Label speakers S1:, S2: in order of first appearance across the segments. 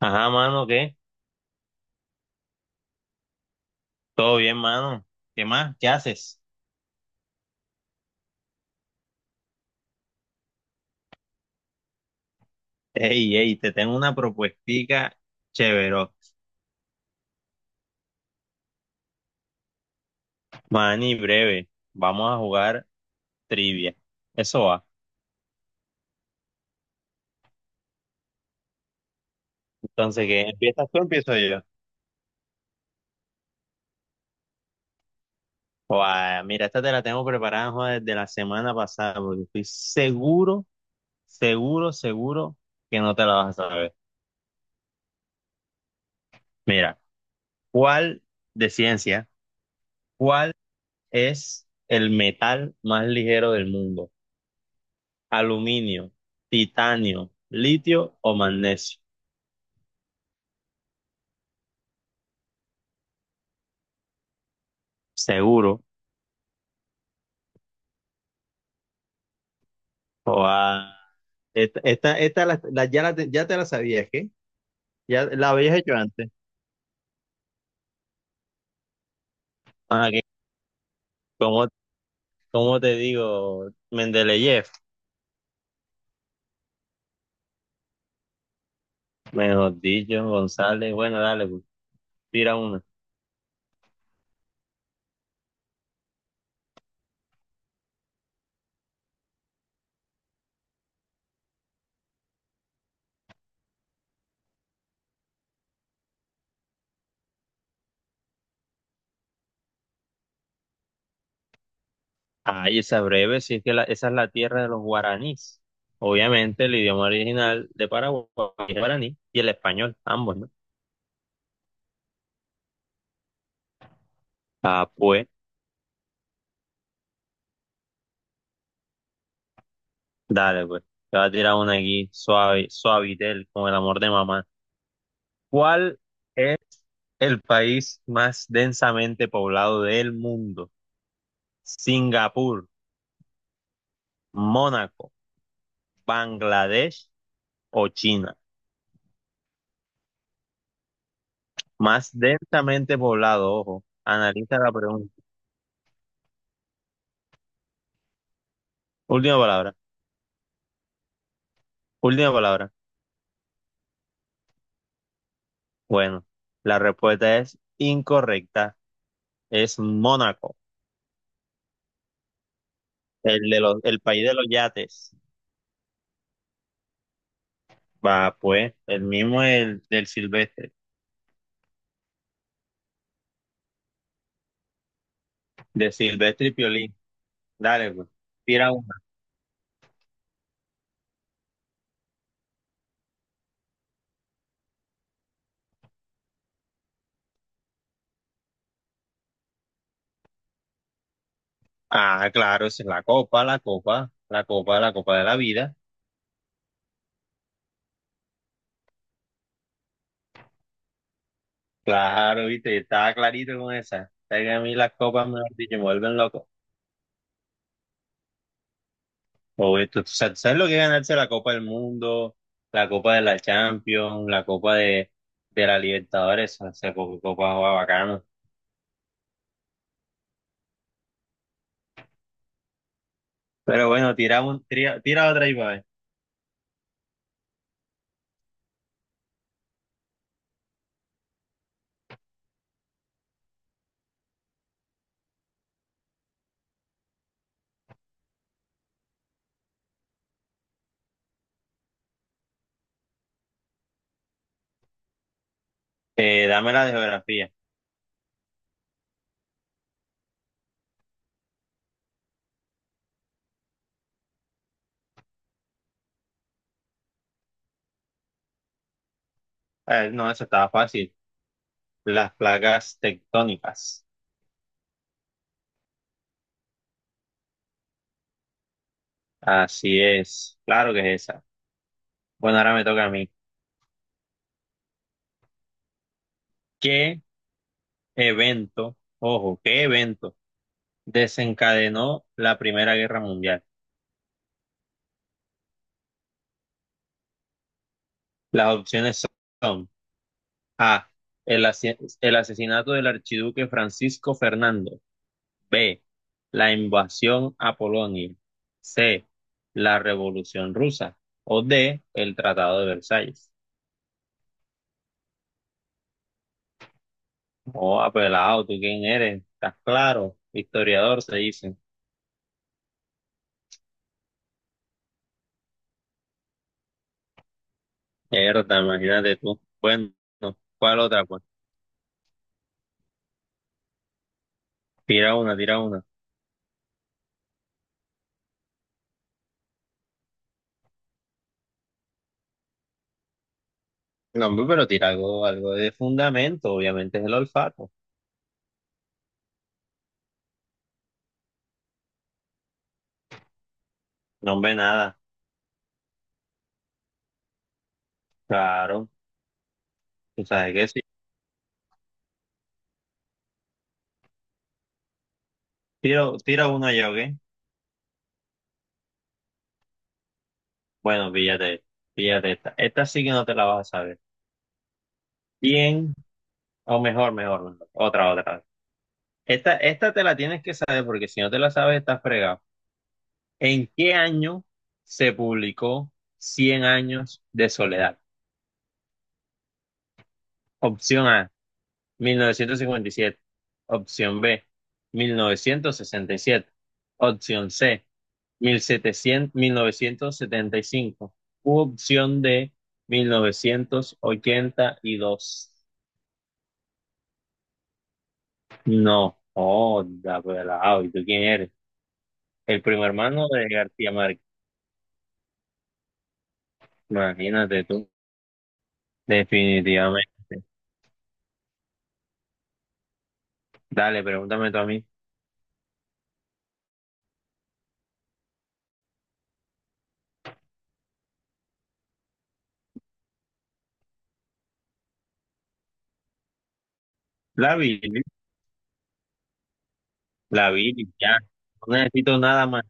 S1: Ajá, mano, ¿qué? Todo bien, mano. ¿Qué más? ¿Qué haces? Ey, ey, te tengo una propuestica chévere. Mani, breve. Vamos a jugar trivia. Eso va. Entonces, ¿qué? ¿Empiezas tú o empiezo yo? Guau, mira, esta te la tengo preparada joder, desde la semana pasada, porque estoy seguro, seguro, seguro que no te la vas a saber. Mira, ¿cuál de ciencia? ¿Cuál es el metal más ligero del mundo? Aluminio, titanio, litio o magnesio. Seguro. O a esta ya te la sabías, ¿qué? Ya la habías hecho antes. Ah, que ¿Cómo, cómo te digo? Mendeleyev, mejor dicho, González. Bueno, dale, pues, tira una. Ay, esa breve, sí es que esa es la tierra de los guaraníes. Obviamente, el idioma original de Paraguay es el guaraní y el español, ambos, ¿no? Ah, pues. Dale, pues. Te voy a tirar una aquí, suave, suavitel, con el amor de mamá. ¿Cuál es el país más densamente poblado del mundo? ¿Singapur, Mónaco, Bangladesh o China? Más densamente poblado, ojo. Analiza la pregunta. Última palabra. Última palabra. Bueno, la respuesta es incorrecta. Es Mónaco, el de los, el país de los yates. Va, pues, el mismo el del Silvestre. De Silvestre y Piolín. Dale, pues. Tira una. Ah, claro, esa es la copa, la copa, la copa, la copa de la vida. Claro, viste, estaba clarito con esa. Es que a mí las copas, mejor dicho, me vuelven loco. O esto, tú sabes lo que es ganarse la Copa del Mundo, la Copa de la Champions, la Copa de la Libertadores, o sea, copa juega bacano. Pero bueno, tira otra y va a ver. Dame la de geografía. No, eso estaba fácil. Las placas tectónicas. Así es, claro que es esa. Bueno, ahora me toca a mí. ¿Qué evento, ojo, qué evento desencadenó la Primera Guerra Mundial? Las opciones son A, el, asi- el asesinato del archiduque Francisco Fernando, B, la invasión a Polonia, C, la Revolución Rusa o D, el Tratado de Versalles. Oh, apelado, ¿tú quién eres? ¿Estás claro? Historiador, se dice. Mierda, imagínate tú. Bueno, ¿cuál otra? Pues tira una, tira una. No, hombre, pero tira algo, algo de fundamento, obviamente es el olfato. No, hombre, nada. Claro, tú sabes que sí. Tira, tira una ya, ¿ok? Bueno, píllate, píllate esta. Esta sí que no te la vas a saber. Bien, o mejor, mejor, mejor. Otra, otra. Esta te la tienes que saber porque si no te la sabes, estás fregado. ¿En qué año se publicó Cien años de soledad? Opción A, 1957; opción B, 1967; opción C, 1700, 1975; u opción D, 1982. No, oh, da pelado. ¿Y tú quién eres? El primo hermano de García Márquez. Imagínate tú. Definitivamente. Dale, pregúntame tú a mí. La vi, la vi, ya. No necesito nada más.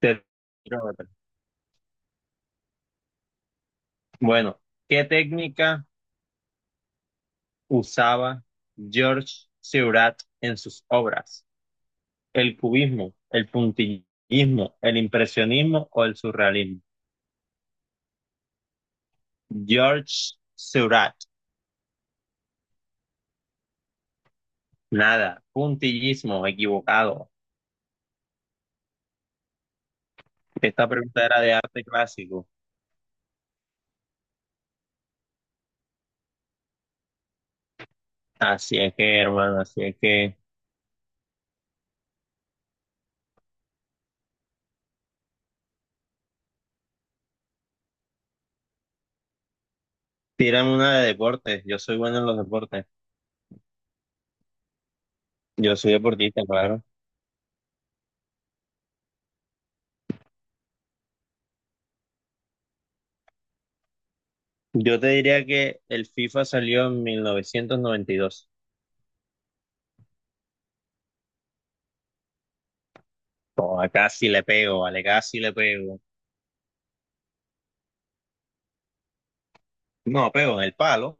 S1: Te tiro otra. Bueno, ¿qué técnica usaba Georges Seurat en sus obras? ¿El cubismo, el puntillismo, el impresionismo o el surrealismo? Georges Seurat, nada, puntillismo, equivocado. Esta pregunta era de arte clásico. Así es que, hermano, así es que. Tírame una de deportes. Yo soy bueno en los deportes. Yo soy deportista, claro. Yo te diría que el FIFA salió en 1992. Oh, casi le pego, vale, casi le pego. No, pego en el palo.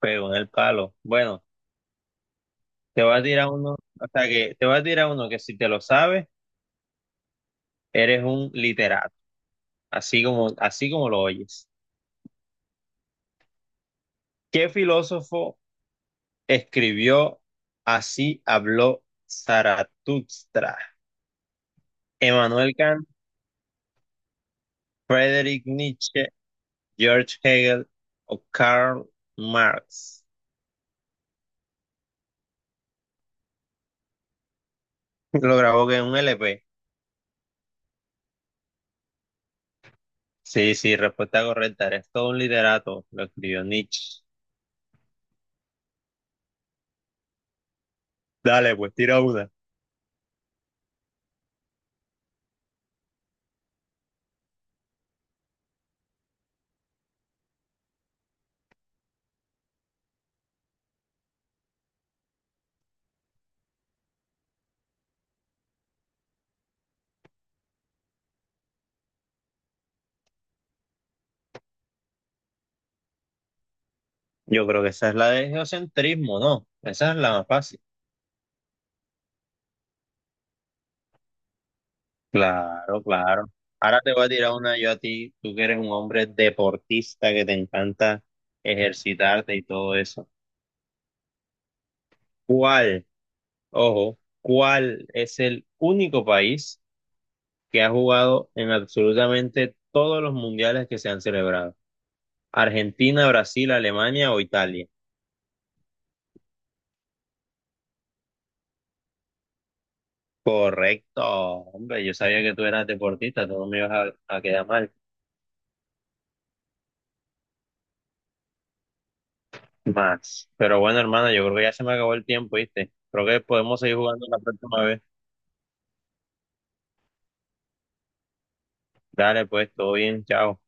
S1: Pero en el palo. Bueno, te voy a tirar uno, o sea que te voy a tirar uno que si te lo sabes, eres un literato, así como lo oyes. ¿Qué filósofo escribió Así habló Zaratustra? ¿Emmanuel Kant, Friedrich Nietzsche, George Hegel o Karl Marx? Lo grabó que en un LP. Sí, sí, respuesta correcta. Eres todo un literato. Lo escribió Nietzsche. Dale, pues tira una. Yo creo que esa es la de geocentrismo, ¿no? Esa es la más fácil. Claro, claro. Ahora te voy a tirar una yo a ti, tú que eres un hombre deportista que te encanta ejercitarte y todo eso. ¿Cuál, ojo, cuál es el único país que ha jugado en absolutamente todos los mundiales que se han celebrado? ¿Argentina, Brasil, Alemania o Italia? Correcto, hombre, yo sabía que tú eras deportista, tú no me ibas a quedar mal. Más. Pero bueno, hermano, yo creo que ya se me acabó el tiempo, ¿viste? Creo que podemos seguir jugando la próxima vez. Dale, pues, todo bien, chao.